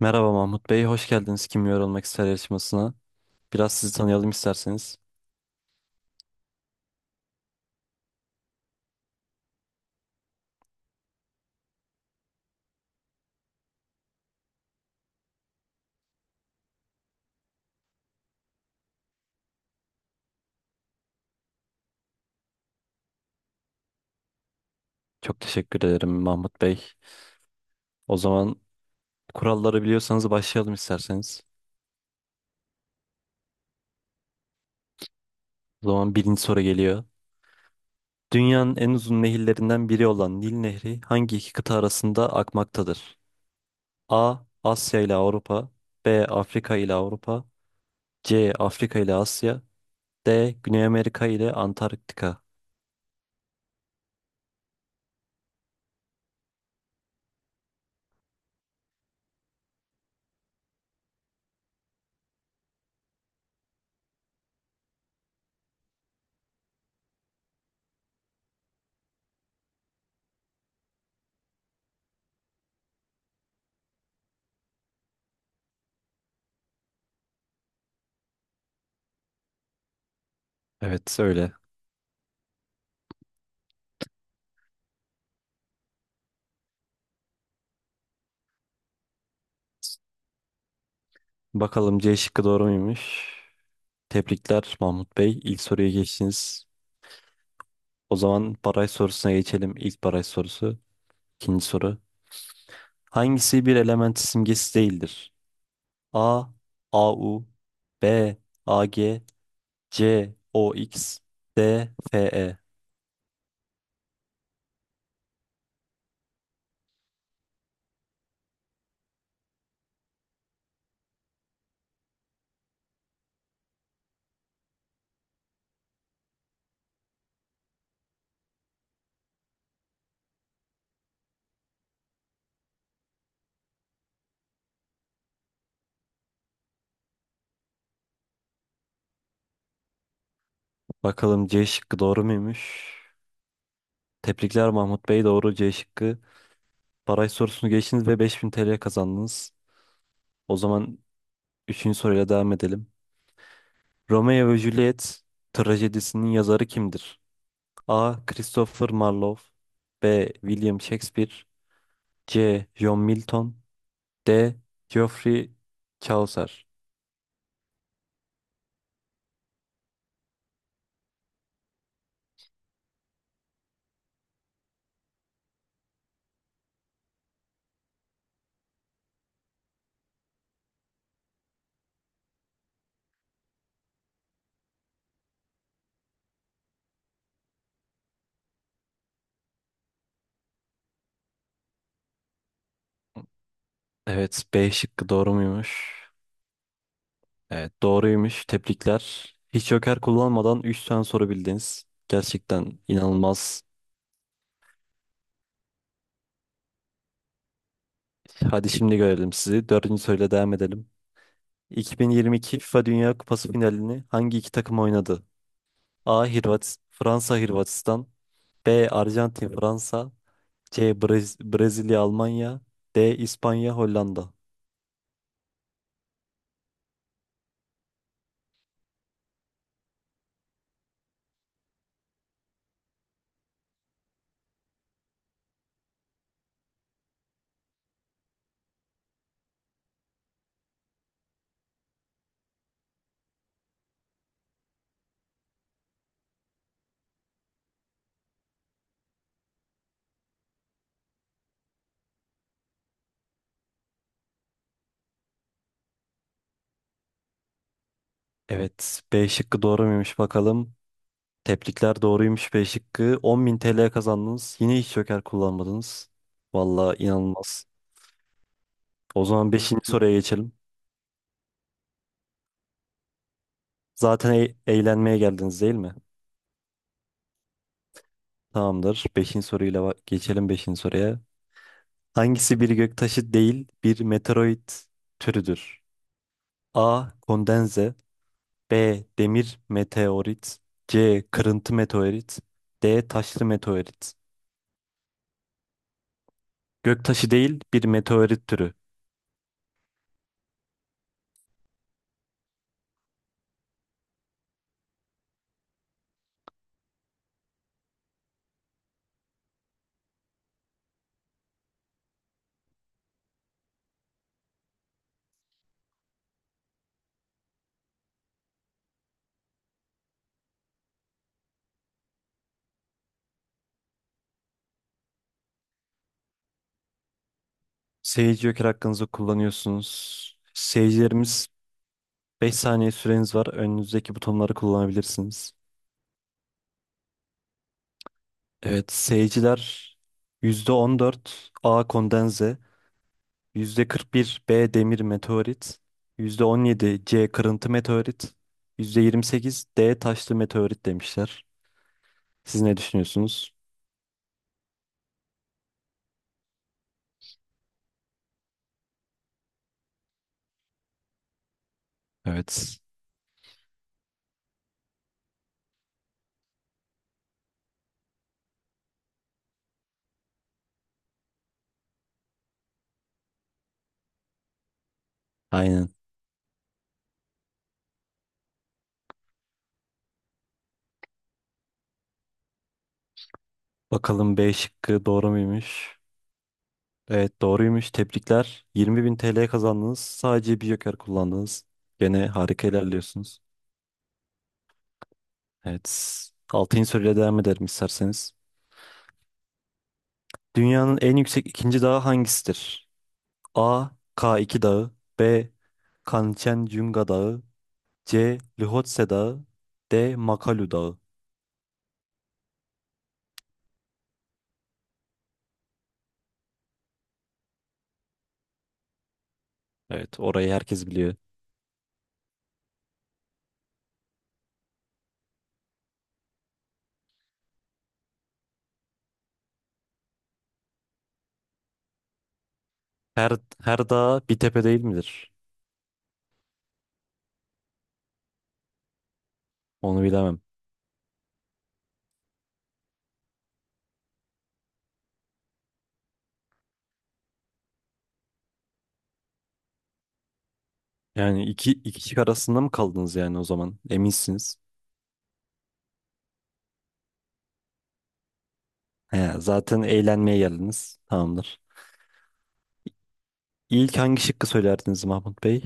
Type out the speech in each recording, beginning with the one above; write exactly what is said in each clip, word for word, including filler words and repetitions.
Merhaba Mahmut Bey, hoş geldiniz Kim Yorulmak İster yarışmasına. Biraz sizi tanıyalım isterseniz. Çok teşekkür ederim Mahmut Bey. O zaman kuralları biliyorsanız başlayalım isterseniz. O zaman birinci soru geliyor. Dünyanın en uzun nehirlerinden biri olan Nil Nehri hangi iki kıta arasında akmaktadır? A. Asya ile Avrupa B. Afrika ile Avrupa C. Afrika ile Asya D. Güney Amerika ile Antarktika Evet öyle. Bakalım C şıkkı doğru muymuş? Tebrikler Mahmut Bey. İlk soruya geçtiniz. O zaman baraj sorusuna geçelim. İlk baraj sorusu. İkinci soru. Hangisi bir element simgesi değildir? A. AU B. AG C. OX D. FE Bakalım C şıkkı doğru muymuş? Tebrikler Mahmut Bey. Doğru C şıkkı. Baraj sorusunu geçtiniz ve beş bin T L kazandınız. O zaman üçüncü soruyla devam edelim. Romeo ve Juliet trajedisinin yazarı kimdir? A. Christopher Marlowe B. William Shakespeare C. John Milton D. Geoffrey Chaucer Evet B şıkkı doğru muymuş? Evet doğruymuş. Tebrikler. Hiç joker kullanmadan üç tane soru bildiniz. Gerçekten inanılmaz. Hadi şimdi görelim sizi. Dördüncü soruyla devam edelim. iki bin yirmi iki FIFA Dünya Kupası finalini hangi iki takım oynadı? A. Hırvat Fransa Hırvatistan B. Arjantin Fransa C. Brez- Brezilya, Almanya. D. İspanya, Hollanda. Evet, B şıkkı doğru muymuş bakalım. Tebrikler doğruymuş B şıkkı. on bin T L kazandınız. Yine hiç joker kullanmadınız. Vallahi inanılmaz. O zaman beşinci soruya geçelim. Zaten e- eğlenmeye geldiniz değil mi? Tamamdır. Beşinci soruyla ba- geçelim beşinci soruya. Hangisi bir göktaşı değil bir meteoroid türüdür? A. Kondenze B. Demir meteorit. C. Kırıntı meteorit. D. Taşlı meteorit. Göktaşı değil bir meteorit türü. Seyirci joker hakkınızı kullanıyorsunuz. Seyircilerimiz beş saniye süreniz var. Önünüzdeki butonları kullanabilirsiniz. Evet seyirciler yüzde on dört A. Kondenze. yüzde kırk bir B. Demir meteorit. yüzde on yedi C. Kırıntı meteorit. yüzde yirmi sekiz D. Taşlı meteorit demişler. Siz ne düşünüyorsunuz? Evet. Aynen. Bakalım B şıkkı doğru muymuş? Evet doğruymuş. Tebrikler. yirmi bin T L kazandınız. Sadece bir joker kullandınız. Gene harika ilerliyorsunuz. Evet. Altıncı soruyla devam edelim isterseniz. Dünyanın en yüksek ikinci dağı hangisidir? A. k iki Dağı B. Kanchenjunga Dağı C. Lhotse Dağı D. Makalu Dağı Evet orayı herkes biliyor. Her, her dağ bir tepe değil midir? Onu bilemem. Yani iki, iki kişi arasında mı kaldınız yani o zaman? Eminsiniz. He, zaten eğlenmeye geldiniz. Tamamdır. İlk hangi şıkkı söylerdiniz Mahmut Bey?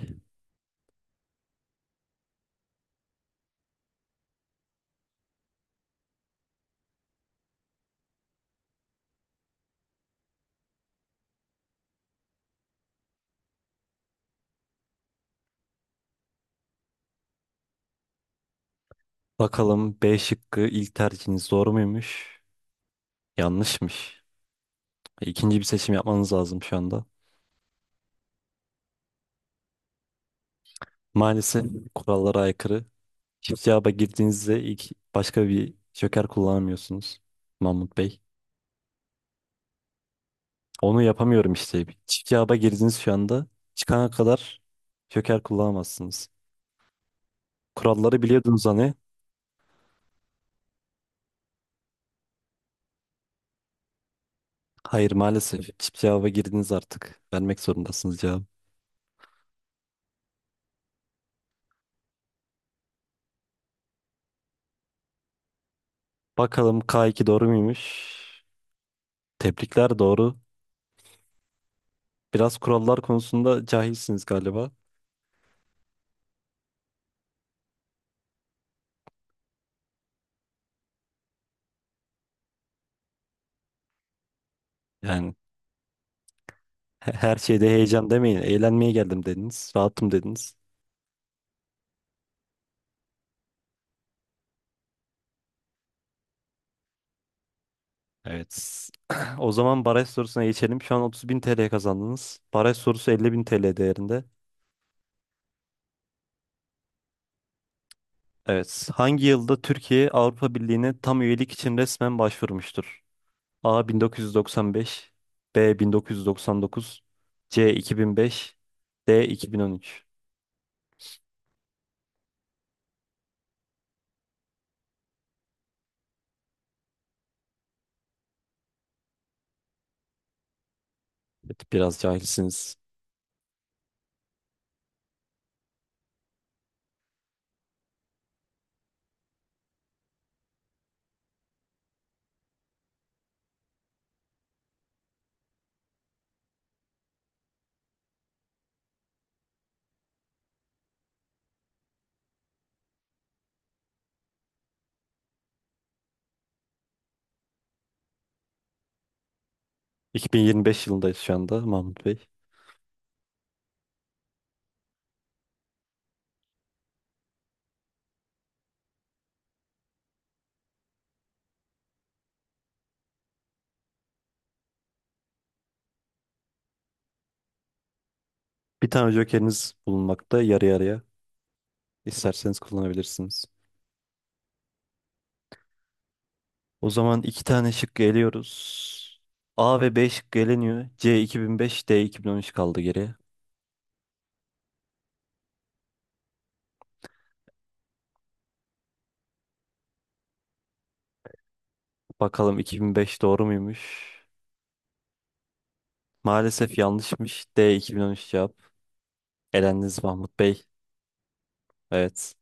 Bakalım B şıkkı ilk tercihiniz doğru muymuş? Yanlışmış. E, İkinci bir seçim yapmanız lazım şu anda. Maalesef kurallara aykırı. Çift cevaba girdiğinizde ilk başka bir joker kullanamıyorsunuz Mahmut Bey. Onu yapamıyorum işte. Çift cevaba girdiniz şu anda. Çıkana kadar joker kullanamazsınız. Kuralları biliyordunuz hani. Hayır maalesef. Çift cevaba girdiniz artık. Vermek zorundasınız cevabı. Bakalım K iki doğru muymuş? Tebrikler doğru. Biraz kurallar konusunda cahilsiniz galiba. Yani he- her şeyde heyecan demeyin. Eğlenmeye geldim dediniz. Rahatım dediniz. Evet. O zaman baraj sorusuna geçelim. Şu an otuz bin T L kazandınız. Baraj sorusu elli bin T L değerinde. Evet. Hangi yılda Türkiye Avrupa Birliği'ne tam üyelik için resmen başvurmuştur? A bin dokuz yüz doksan beş, B bin dokuz yüz doksan dokuz, C iki bin beş, D iki bin on üç. Evet, biraz cahilsiniz. iki bin yirmi beş yılındayız şu anda Mahmut Bey. Bir tane jokeriniz bulunmakta yarı yarıya. İsterseniz kullanabilirsiniz. O zaman iki tane şık geliyoruz. A ve B şıkkı eleniyor. C iki bin beş, D iki bin on üç kaldı geriye. Bakalım iki bin beş doğru muymuş? Maalesef yanlışmış. D iki bin on üç cevap. Elendiniz Mahmut Bey. Evet.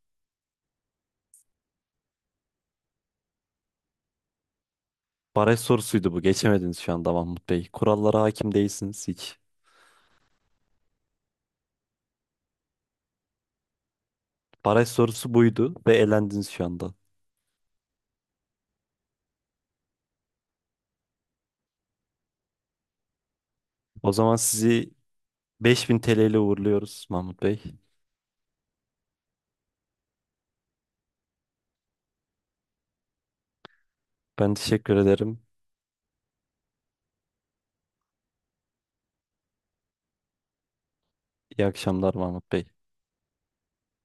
Baraj sorusuydu bu. Geçemediniz şu anda Mahmut Bey. Kurallara hakim değilsiniz hiç. Baraj sorusu buydu ve elendiniz şu anda. O zaman sizi beş bin T L ile uğurluyoruz Mahmut Bey. Ben teşekkür ederim. İyi akşamlar Mahmut Bey.